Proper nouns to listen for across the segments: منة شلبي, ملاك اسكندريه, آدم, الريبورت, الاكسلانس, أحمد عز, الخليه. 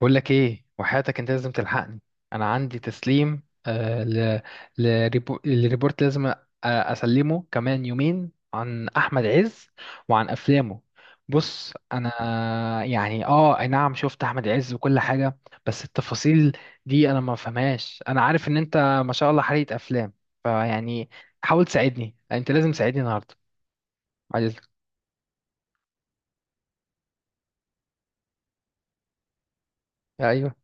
بقول لك ايه وحياتك، انت لازم تلحقني. انا عندي تسليم ل... لريبو... لريبورت، لازم اسلمه كمان يومين عن احمد عز وعن افلامه. بص انا يعني اه اي نعم، شفت احمد عز وكل حاجه، بس التفاصيل دي انا ما فهمهاش. انا عارف ان انت ما شاء الله حريق افلام، فيعني حاول تساعدني، انت لازم تساعدني النهارده. عايز ايوه.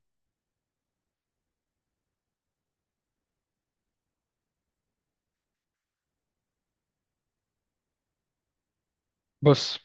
بص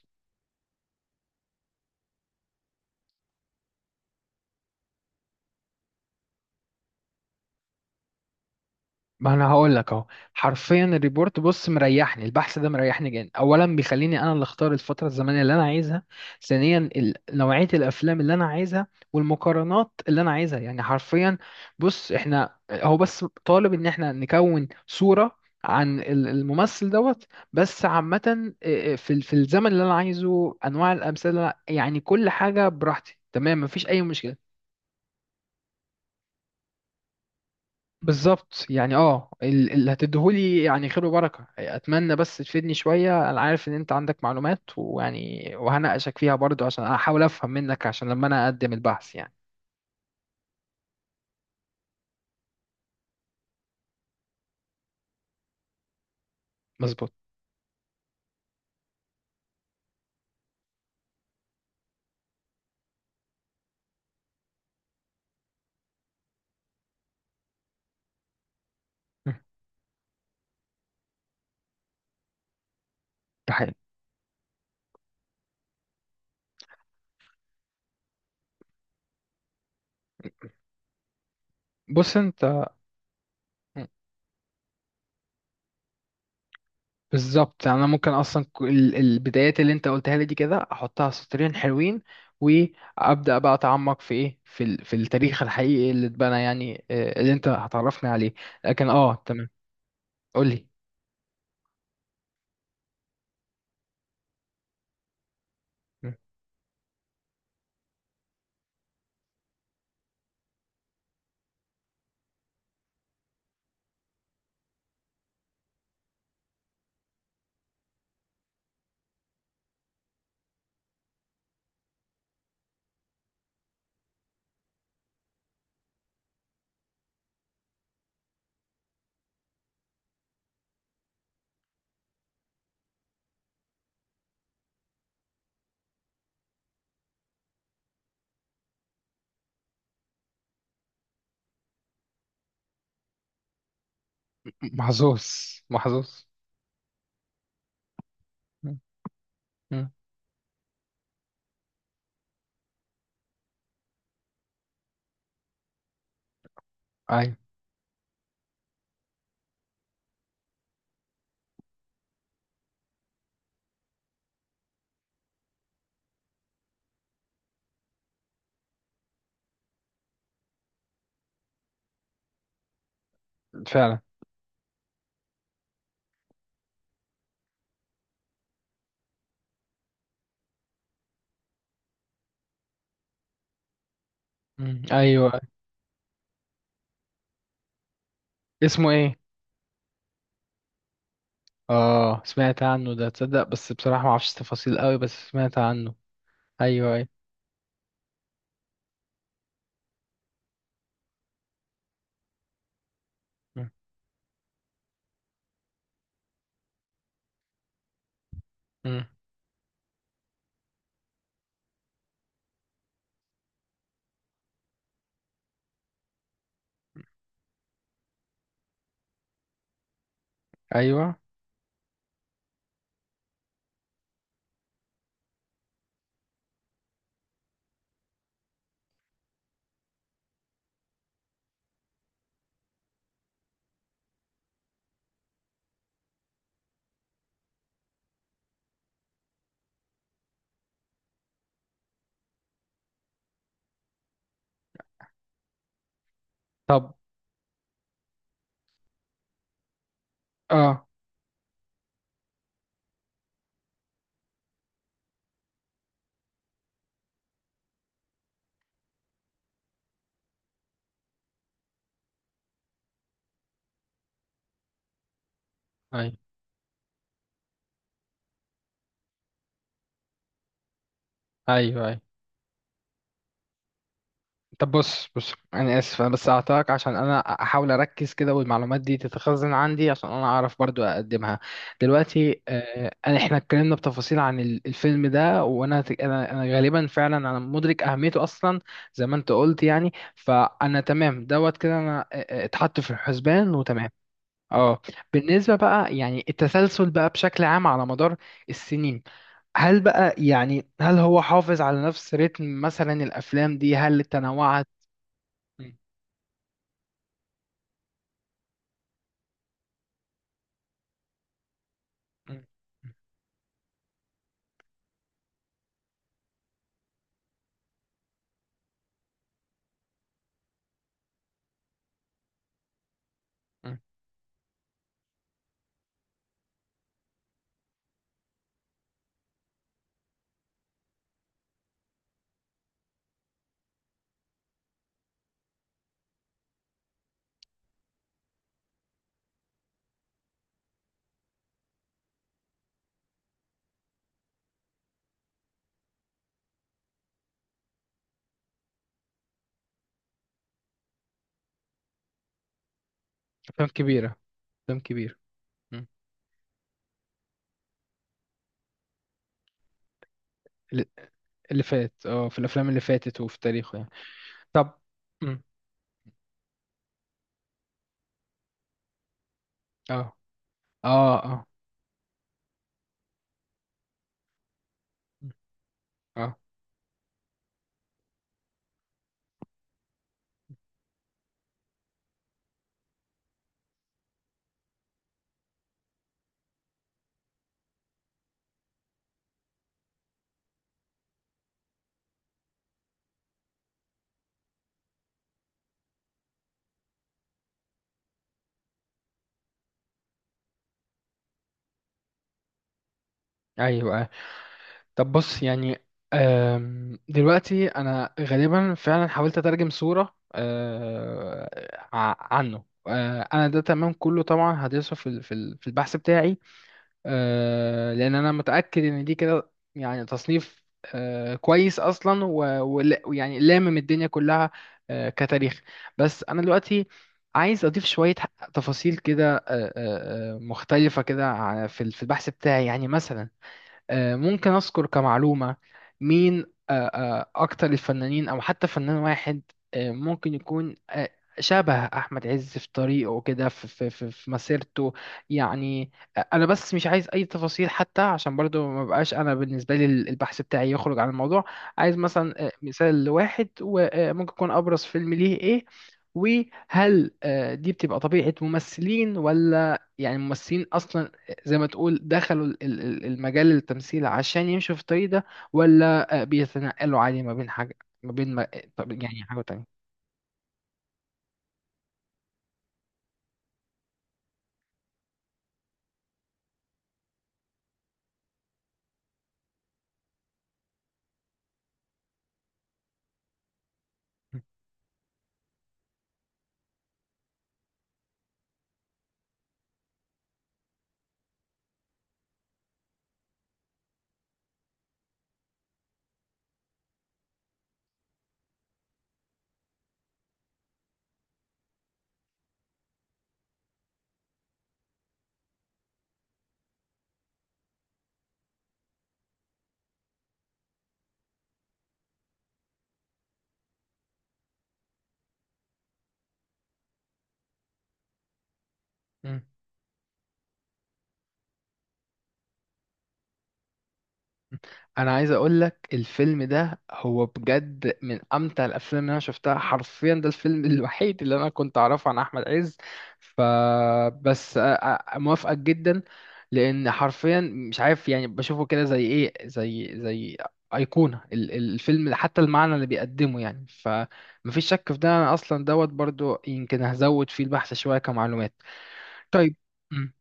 ما انا هقول لك اهو، حرفيا الريبورت بص مريحني، البحث ده مريحني جدا. اولا بيخليني انا اللي اختار الفتره الزمنيه اللي انا عايزها، ثانيا نوعيه الافلام اللي انا عايزها والمقارنات اللي انا عايزها، يعني حرفيا. بص احنا هو بس طالب ان احنا نكون صوره عن الممثل دوت بس، عامه إيه، في في الزمن اللي انا عايزه، انواع الامثله، يعني كل حاجه براحتي، تمام، مفيش اي مشكله. بالظبط. يعني اه اللي هتديهولي يعني خير وبركة، اتمنى بس تفيدني شوية. انا عارف ان انت عندك معلومات، ويعني وهناقشك فيها برضو عشان احاول افهم منك، عشان لما انا اقدم البحث يعني. مظبوط. م. ده حقيقي. بص انت. م. بالظبط. يعني انا ممكن اصلا البدايات اللي انت قلتها لي دي كده احطها سطرين حلوين، وابدا بقى اتعمق في ايه، في في التاريخ الحقيقي اللي اتبنى، يعني آه، اللي انت هتعرفني عليه. لكن اه تمام. قول لي. م. محظوظ، محظوظ. مم. مم. ايوه. فعلا. مم. ايوه. اسمه ايه؟ اه سمعت عنه ده، تصدق بس بصراحة ما اعرفش تفاصيل قوي، بس سمعت عنه. ايوه، ايوه. مم. مم. ايوه. طب. اه. ايوه، ايوه، ايوه. طب بص بص، انا اسف، انا بس هقطعك عشان انا احاول اركز كده والمعلومات دي تتخزن عندي، عشان انا اعرف برضو اقدمها دلوقتي. آه، انا احنا اتكلمنا بتفاصيل عن الفيلم ده، وانا انا غالبا فعلا انا مدرك اهميته اصلا، زي ما انت قلت يعني. فانا تمام دوت كده، انا آه، آه، اتحط في الحسبان، وتمام. اه. بالنسبة بقى يعني التسلسل بقى بشكل عام على مدار السنين، هل بقى يعني هل هو حافظ على نفس رتم مثلا؟ الأفلام دي هل تنوعت؟ مم. مم. مم. أفلام كبيرة، أفلام كبيرة. مم. اللي اللي فات، اه في الأفلام اللي فاتت وفي تاريخه يعني. طب. مم. اه، اه، اه. مم. اه. أيوه آه. طب بص يعني، آم، دلوقتي أنا غالبا فعلا حاولت أترجم صورة آه، عنه. آه، أنا ده تمام كله، طبعا هدرسه في في البحث بتاعي. آه، لان انا متاكد ان دي كده يعني تصنيف آه، كويس اصلا ويعني لامم الدنيا كلها آه، كتاريخ. بس انا دلوقتي عايز اضيف شويه تفاصيل كده آه، آه، آه، مختلفه كده في في البحث بتاعي، يعني مثلا آه، ممكن أذكر كمعلومة مين آه، آه، أكتر الفنانين أو حتى فنان واحد آه، ممكن يكون آه، شبه أحمد عز في طريقه كده في مسيرته. يعني آه، أنا بس مش عايز أي تفاصيل حتى، عشان برضو ما بقاش أنا بالنسبة لي البحث بتاعي يخرج عن الموضوع. عايز مثلا آه، مثال لواحد، وممكن يكون أبرز فيلم ليه إيه؟ وهل آه، دي بتبقى طبيعة ممثلين ولا يعني ممثلين أصلا زي ما تقول دخلوا المجال التمثيل عشان يمشوا في الطريق ده؟ ولا آه، بيتنقلوا عادي ما بين حاجة ما بين ما... طب يعني حاجة تانية. انا عايز اقول لك الفيلم ده هو بجد من امتع الافلام اللي انا شفتها حرفيا، ده الفيلم الوحيد اللي انا كنت اعرفه عن احمد عز، فبس موافقك جدا، لان حرفيا مش عارف يعني بشوفه كده زي ايه، زي ايقونه الفيلم، حتى المعنى اللي بيقدمه يعني. فمفيش شك في ده، انا اصلا دوت برضو يمكن هزود فيه البحث شويه كمعلومات. طيب. امم.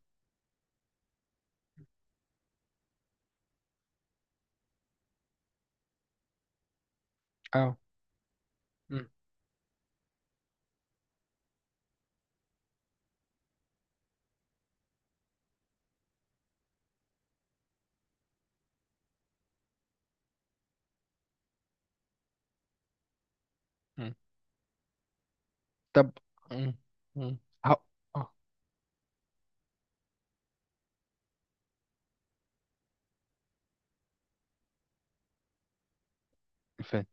اه. امم. أمم. طب. امم. امم. أهو. آه.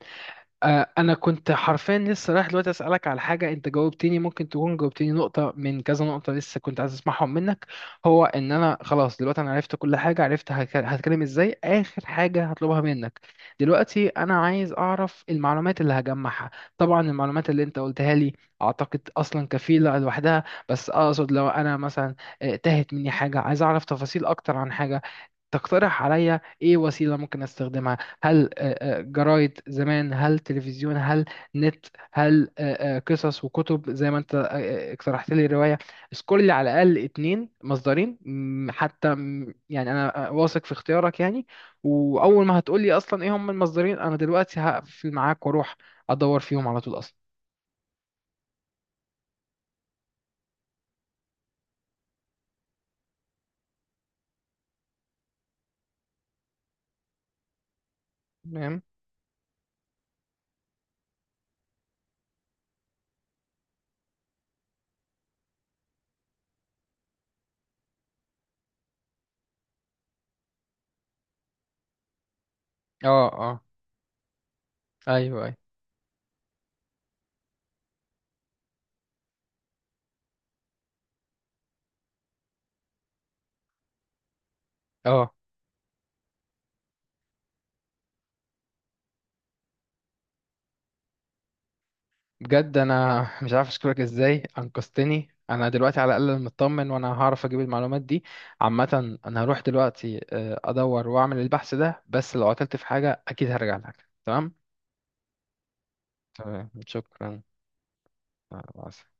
آه، انا كنت حرفيا لسه رايح دلوقتي اسالك على حاجه، انت جاوبتني، ممكن تكون جاوبتني نقطه من كذا نقطه لسه كنت عايز اسمعهم منك. هو ان انا خلاص دلوقتي انا عرفت كل حاجه، عرفت هتكلم ازاي. اخر حاجه هطلبها منك دلوقتي، انا عايز اعرف المعلومات اللي هجمعها. طبعا المعلومات اللي انت قلتها لي اعتقد اصلا كفيله لوحدها، بس اقصد لو انا مثلا آه، تاهت مني حاجه، عايز اعرف تفاصيل اكتر عن حاجه، تقترح عليا ايه وسيله ممكن استخدمها؟ هل آه، آه، جرايد زمان، هل تلفزيون، هل نت، هل آه، آه، قصص وكتب زي ما انت آه، آه، اقترحت لي رواية؟ سكول على الأقل اتنين مصدرين مم، حتى مم، يعني أنا آه، واثق في اختيارك يعني. وأول ما هتقول لي أصلا إيه هم المصدرين، أنا دلوقتي هقفل معاك وأروح أدور فيهم على طول أصلا. تمام. اه، اه. ايوه، ايوه. اه. بجد انا مش عارف اشكرك ازاي، انقذتني. انا دلوقتي على الاقل مطمن وانا هعرف اجيب المعلومات دي. عامه انا هروح دلوقتي آه، ادور واعمل البحث ده، بس لو عطلت في حاجه اكيد هرجع لك. تمام. تمام، شكرا. مع السلامة.